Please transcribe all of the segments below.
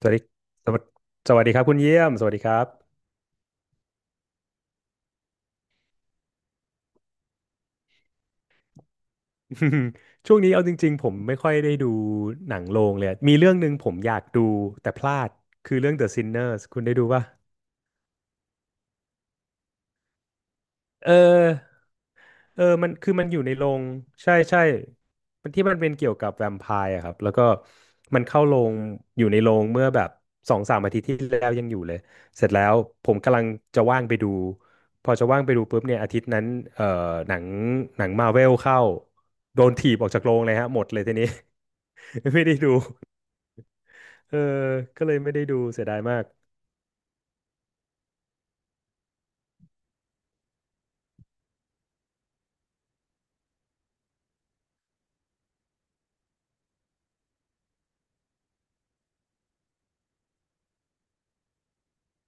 สวัสดีสวัสสวัสดีครับคุณเยี่ยม สวัสดีครับ ช่วงนี้เอาจริงๆผมไม่ค่อยได้ดูหนังโรงเลยอะมีเรื่องหนึ่งผมอยากดูแต่พลาด คือเรื่อง The Sinners คุณได้ดูป่ะเออ เออมันคือมันอยู่ในโรงใช่ใช่มันที่มันเป็นเกี่ยวกับแวมไพร์อะครับ แล้วก็ มันเข้าโรงอยู่ในโรงเมื่อแบบสองสามอาทิตย์ที่แล้วยังอยู่เลย เสร็จแล้ว ผมกำลังจะว่างไปดู พอจะว่างไปดูปุ๊บเนี่ยอาทิตย์นั้นเอ่อหนังหนังมาเวลเข้าโดนถีบออกจากโรงเลยฮะหมดเลยทีนี้ ไม่ได้ดู เออก็เลยไม่ได้ดู เสียดายมาก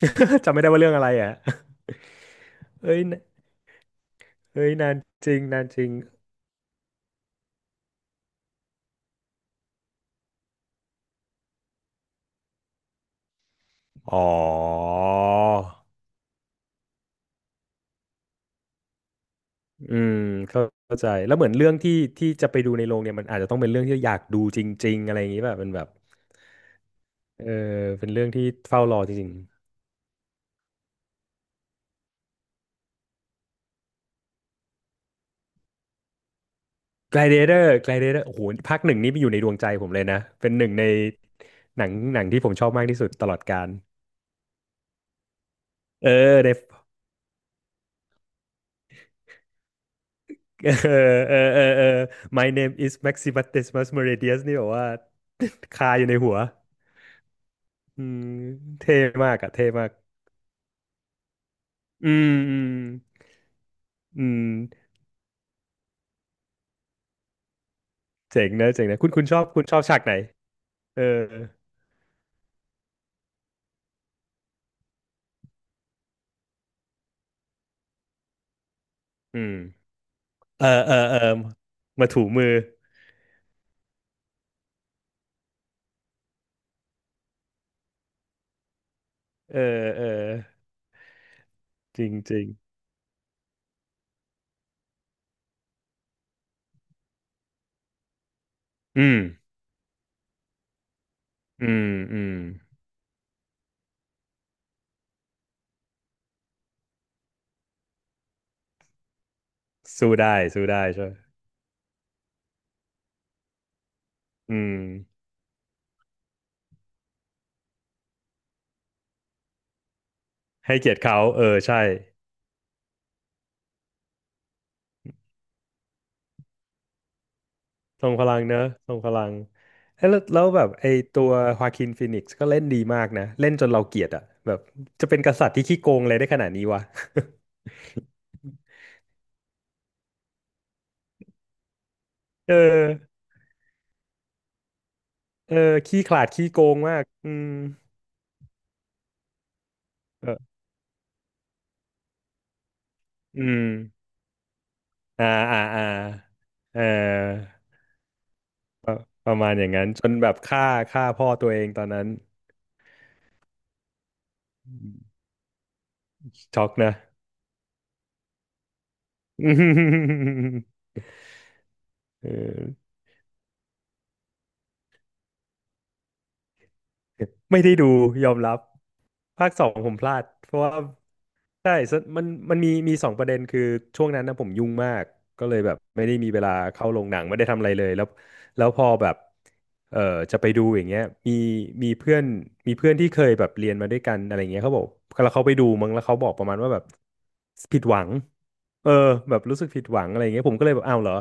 จำไม่ได้ว่าเรื่องอะไรอ่ะเอ้ยเอ้ยนานจริงนานจริงอ๋อ อืมเข้าเข้าใจแล้วเหมือนเรื่องที่ที่จะไปดูในโรงเนี่ยมันอาจจะต้องเป็นเรื่องที่อยากดูจริงๆอะไรอย่างนี้ป่ะเป็นแบบเออเป็นเรื่องที่เฝ้ารอจริงๆ Gladiator Gladiator โอ้โหภาคหนึ่งนี่อยู่ในดวงใจผมเลยนะเป็นหนึ่งในหนังหนังที่ผมชอบมากที่สุดตลอดกาลเออในเออเออเออเออ My name is Maximus Decimus Meridius นี่แบบว่า คาอยู่ในหัวอืมเท่มากอะเท่มากอืมอืมอืมเจ๋งนะเจ๋งนะคุณคุณชอบคุณชอบฉากไหน เอออืมเออเออเออมาถูมือเออเออจริงจริงอืมอืมอืมสู้ได้ สู้ได้ใช่วยอืมให้เกียรติเขาเออใช่ทรงพลังเนอะทรงพลังเอ้ยแล้วแล้วแบบไอตัวฮาคินฟีนิกซ์ก็เล่นดีมากนะเล่นจนเราเกลียดอะแบบจะเป็นกษัตริย์ที่ขี้โกงเลยได้ขนาดนี้วะ เออเออขี้ขลาดขี้โกงมากอืมเอออืมอ่าอ่าอ่าเออ ประประมาณอย่างนั้นจนแบบฆ่าฆ่าพ่อตัวเองตอนนั้นช็อกนะ เออ ไม่ได้ดูยอมรับภาคสองผมพลาดเพราะว่าใช่สมันมันมีมีสองประเด็นคือช่วงนั้นนะผมยุ่งมากก็เลยแบบไม่ได้มีเวลาเข้าโรงหนังไม่ได้ทำอะไรเลยแล้วแล้วพอแบบเออจะไปดูอย่างเงี้ยมีมีเพื่อนมีเพื่อนที่เคยแบบเรียนมาด้วยกันอะไรเงี้ยเขาบอกแล้วเขาไปดูมั้งแล้วเขาบอกประมาณว่าแบบผิดหวังเออแบบรู้สึกผิดหวังอะไรเงี้ยผมก็เลยแบบอ้าวเหรอ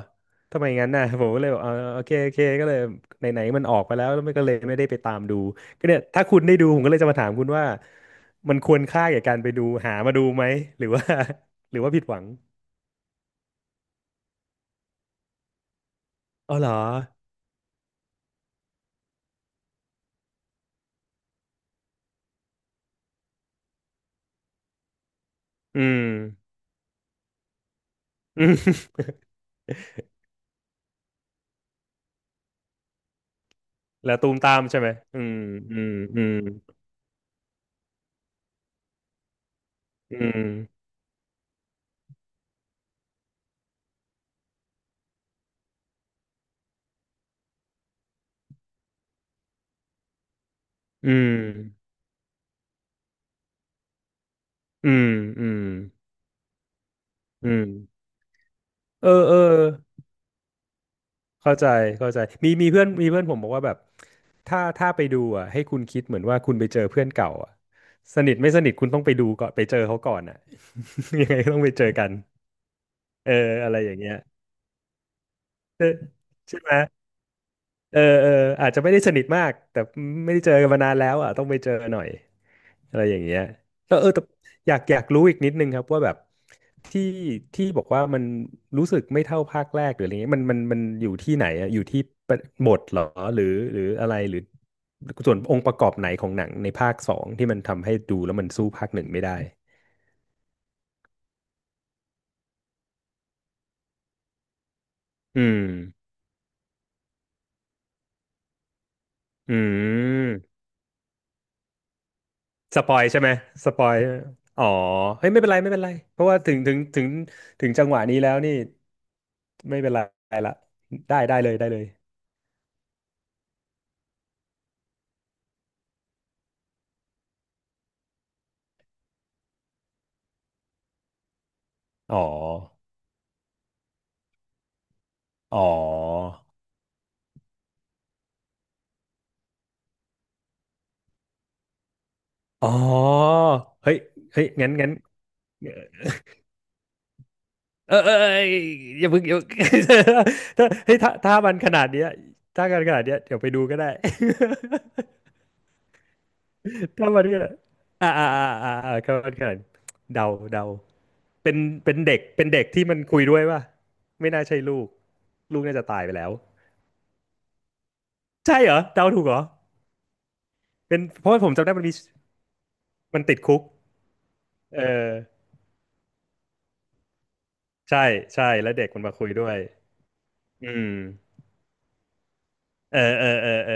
ทำไมงั้นน่ะผมก็เลยบอกเออโอเคโอเคก็เลยไหนๆมันออกไปแล้วแล้วมันก็เลยไม่ได้ไปตามดู ก็เนี่ยถ้าคุณได้ดูผมก็เลยจะมาถามคุณว่ามันควรค่าแก่การไปดูหามาดูไหมหรือว่า หรือว่าผิดหวังอ๋อเหรออืมอืม แล้วตูมตามใช่ไหมอืมอืมอืมอืมอืมอืมอืมอืมเออเออเข้าใจเข้าใจมีมีเพื่อนมีเพื่อนผมบอกว่าแบบถ้าถ้าไปดูอ่ะให้คุณคิดเหมือนว่าคุณไปเจอเพื่อนเก่าอ่ะสนิทไม่สนิทคุณต้องไปดูก่อนไปเจอเขาก่อนอ่ะ ยังไงก็ต้องไปเจอกันเอออะไรอย่างเงี้ย ใช่ใช่ไหมเออเอออาจจะไม่ได้สนิทมากแต่ไม่ได้เจอกันมานานแล้วอ่ะต้องไปเจอหน่อยอะไรอย่างเงี้ยแล้วเออแต่อยากอยากรู้อีกนิดนึงครับว่าแบบที่ที่บอกว่ามันรู้สึกไม่เท่าภาคแรกหรืออะไรเงี้ยมันมันมันอยู่ที่ไหนอ่ะอยู่ที่ประบทเหรอหรือหรืออะไรหรือส่วนองค์ประกอบไหนของหนังในภาคสองที่มันทำให้ดูแล้วมันสู้ภาคหนึ่งไม่ได้อืมอืม สปอยใช่ไหมสปอยอ๋อเฮ้ยไม่เป็นไรไม่เป็นไรเพราะว่าถึงถึงถึงถึงจังหวะนี้แล้วนี่ไม่เป็นไรละได้ได้เลยได้เลยอ๋ออ๋ออ๋อเฮ้ยเฮ้ยงั้นงั้นเออเออเอออย่าเพิ่งอย่าเพิ่ง ถ้าเฮ้ยถ้าถ้ามันขนาดเนี้ยถ้ากันขนาดเนี้ยเดี๋ยวไปดูก็ได้ ข้ามวันขนาดอ่าอ่าอ่าอ่าอ่าข้ามวันขนาดเดาเดาเป็นเป็นเด็กเป็นเด็กที่มันคุยด้วยป่ะไม่น่าใช่ลูกลูกน่าจะตายไปแล้วใช่เหรอเดาถูกเหรอเป็นเพราะว่าผมจำได้มันมีมันติดคุกเออใช่ใช่แล้วเด็กมันมาคุยด้วยอืมเออเออเออเออ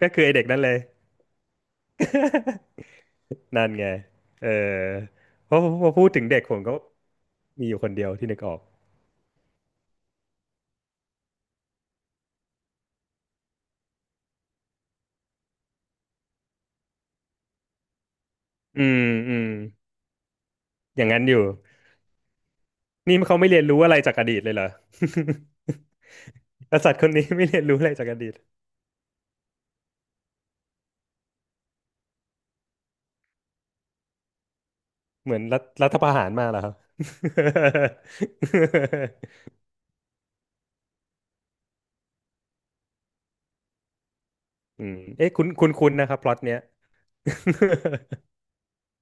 ก็คือไอเด็กนั่นเลย นั่นไงเออเพราะพอพูดถึงเด็กผมก็มีอยู่คนเดียวที่นึกออกอืมอืมอย่างนั้นอยู่ นี่เขาไม่เรียนรู้อะไรจากอดีตเลยเหรอ กษัตริย์คนนี้ไม่เรียนรู้อะไรจากอดีต เหมือนรัฐประหารมาเลรอครับ อืมเอ๊ะคุณนะครับพล็อตเนี้ย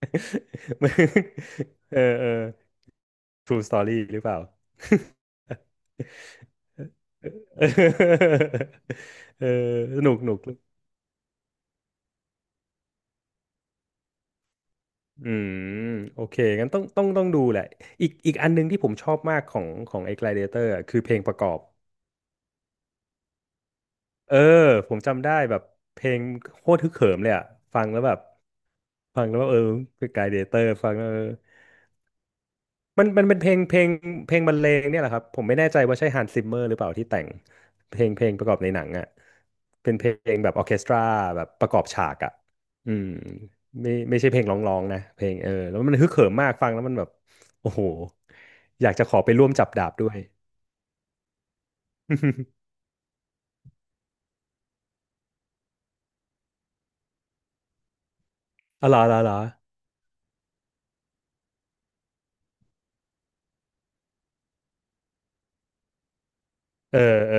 เออเออ True Story หรือเปล่าเออ เออสนุกหนุกอืมโอเคงั้นต้องดูแหละ อีกอันหนึงที่ผมชอบมากของไอ้ Gladiator อะคือเพลงประกอบ เออผมจำได้แบบเพลงโคตรฮึกเหิมเลยอ่ะฟังแล้วแบบฟังแล้วแบบเออคือกายเดเตอร์ฟังแล้วเออมันเป็นเพลงบรรเลงเนี่ยแหละครับผมไม่แน่ใจว่าใช่ฮันส์ซิมเมอร์หรือเปล่าที่แต่งเพลงประกอบในหนังอ่ะเป็นเพลงแบบออร์เคสตราแบบประกอบฉากอ่ะอืมไม่ใช่เพลงร้องๆนะเพลงเออแล้วมันฮึกเหิมมากฟังแล้วมันแบบโอ้โหอยากจะขอไปร่วมจับดาบด้วย อ๋อเหรอเหรอเหรอเออเออ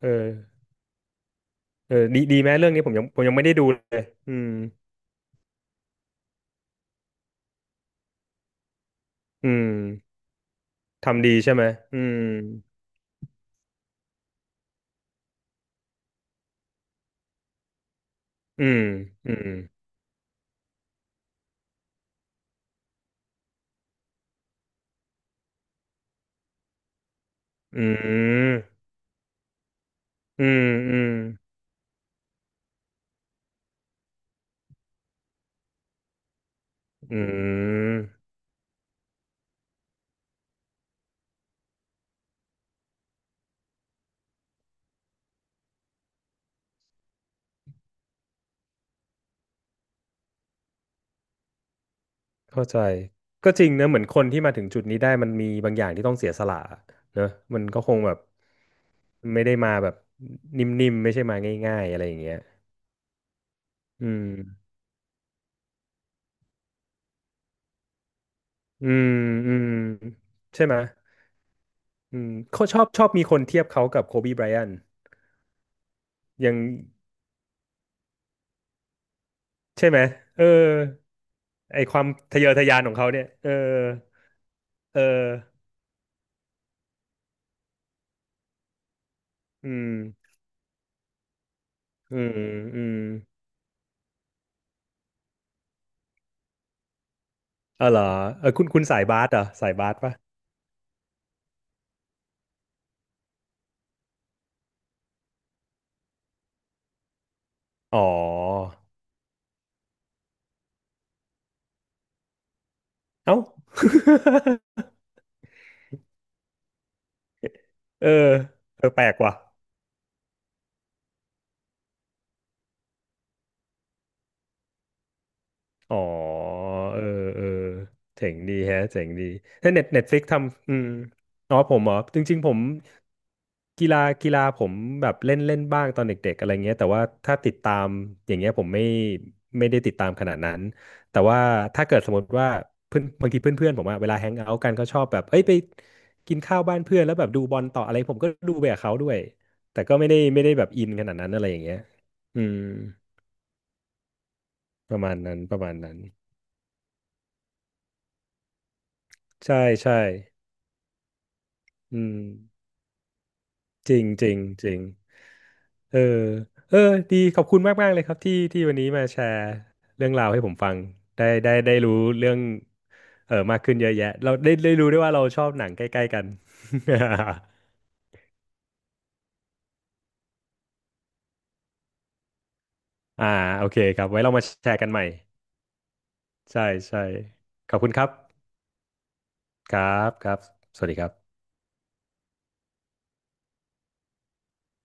เออ เออดีดีไหมเรื่องนี้ผมยังไม่ได้ดูเลยอืมอืมทำดีใช่ไหมอืมอืมอืมอืมอืมอืมอืมเข้าใจก็จริงนะเหมือนคนที่มาถึงจุดนี้ได้มันมีบางอย่างที่ต้องเสียสละเนอะมันก็คงแบบไม่ได้มาแบบนิ่มๆไม่ใช่มาง่ายๆอะไรอย่างเงี้ยอืมอืมอืมใช่ไหมยอืมเขาชอบมีคนเทียบเขากับโคบีไบรอันยัง ใช่ไหม เออ ไอความทะเยอทะยานของเขาเนี่ย เออ เออ อืม อืม อืมเออเหรอเออคุณสายบาสเหรอสายบาสปะอ๋อ เอ้า เออเออแปลกว่ะ อ๋อเออเออเจ๋งดีแฮะเจ๋งดีถ้าเน็ตฟลิกทำอืมอ๋อผมเหรอจริงๆผมกีฬาผมแบบเล่นเล่นบ้างตอนเด็กๆอะไรเงี้ยแต่ว่าถ้าติดตามอย่างเงี้ยผมไม่ได้ติดตามขนาดนั้นแต่ว่าถ้าเกิดสมมติว่าเพื่อนบางทีเพื่อนๆผมอะเวลาแฮงเอาท์กันเขาชอบแบบเอ้ยไปกินข้าวบ้านเพื่อนแล้วแบบดูบอลต่ออะไรผมก็ดูไปกับเขาด้วยแต่ก็ไม่ได้แบบอินขนาดนั้นอะไรอย่างเงี้ยอืมประมาณนั้นประมาณนั้นใช่ใช่ อืมจริงจริงจริงเออเออดีขอบคุณมากมากเลยครับที่วันนี้มาแชร์เรื่องราวให้ผมฟังได้รู้เรื่องเออมากขึ้นเยอะแยะเราได้รู้ด้วยว่าเราชอบหนังใกล้ๆกัน อ่าโอเคครับไว้เรามาแชร์กันใหม่ใช่ใช่ขอบคุณครับครับครับสวัสดีครับ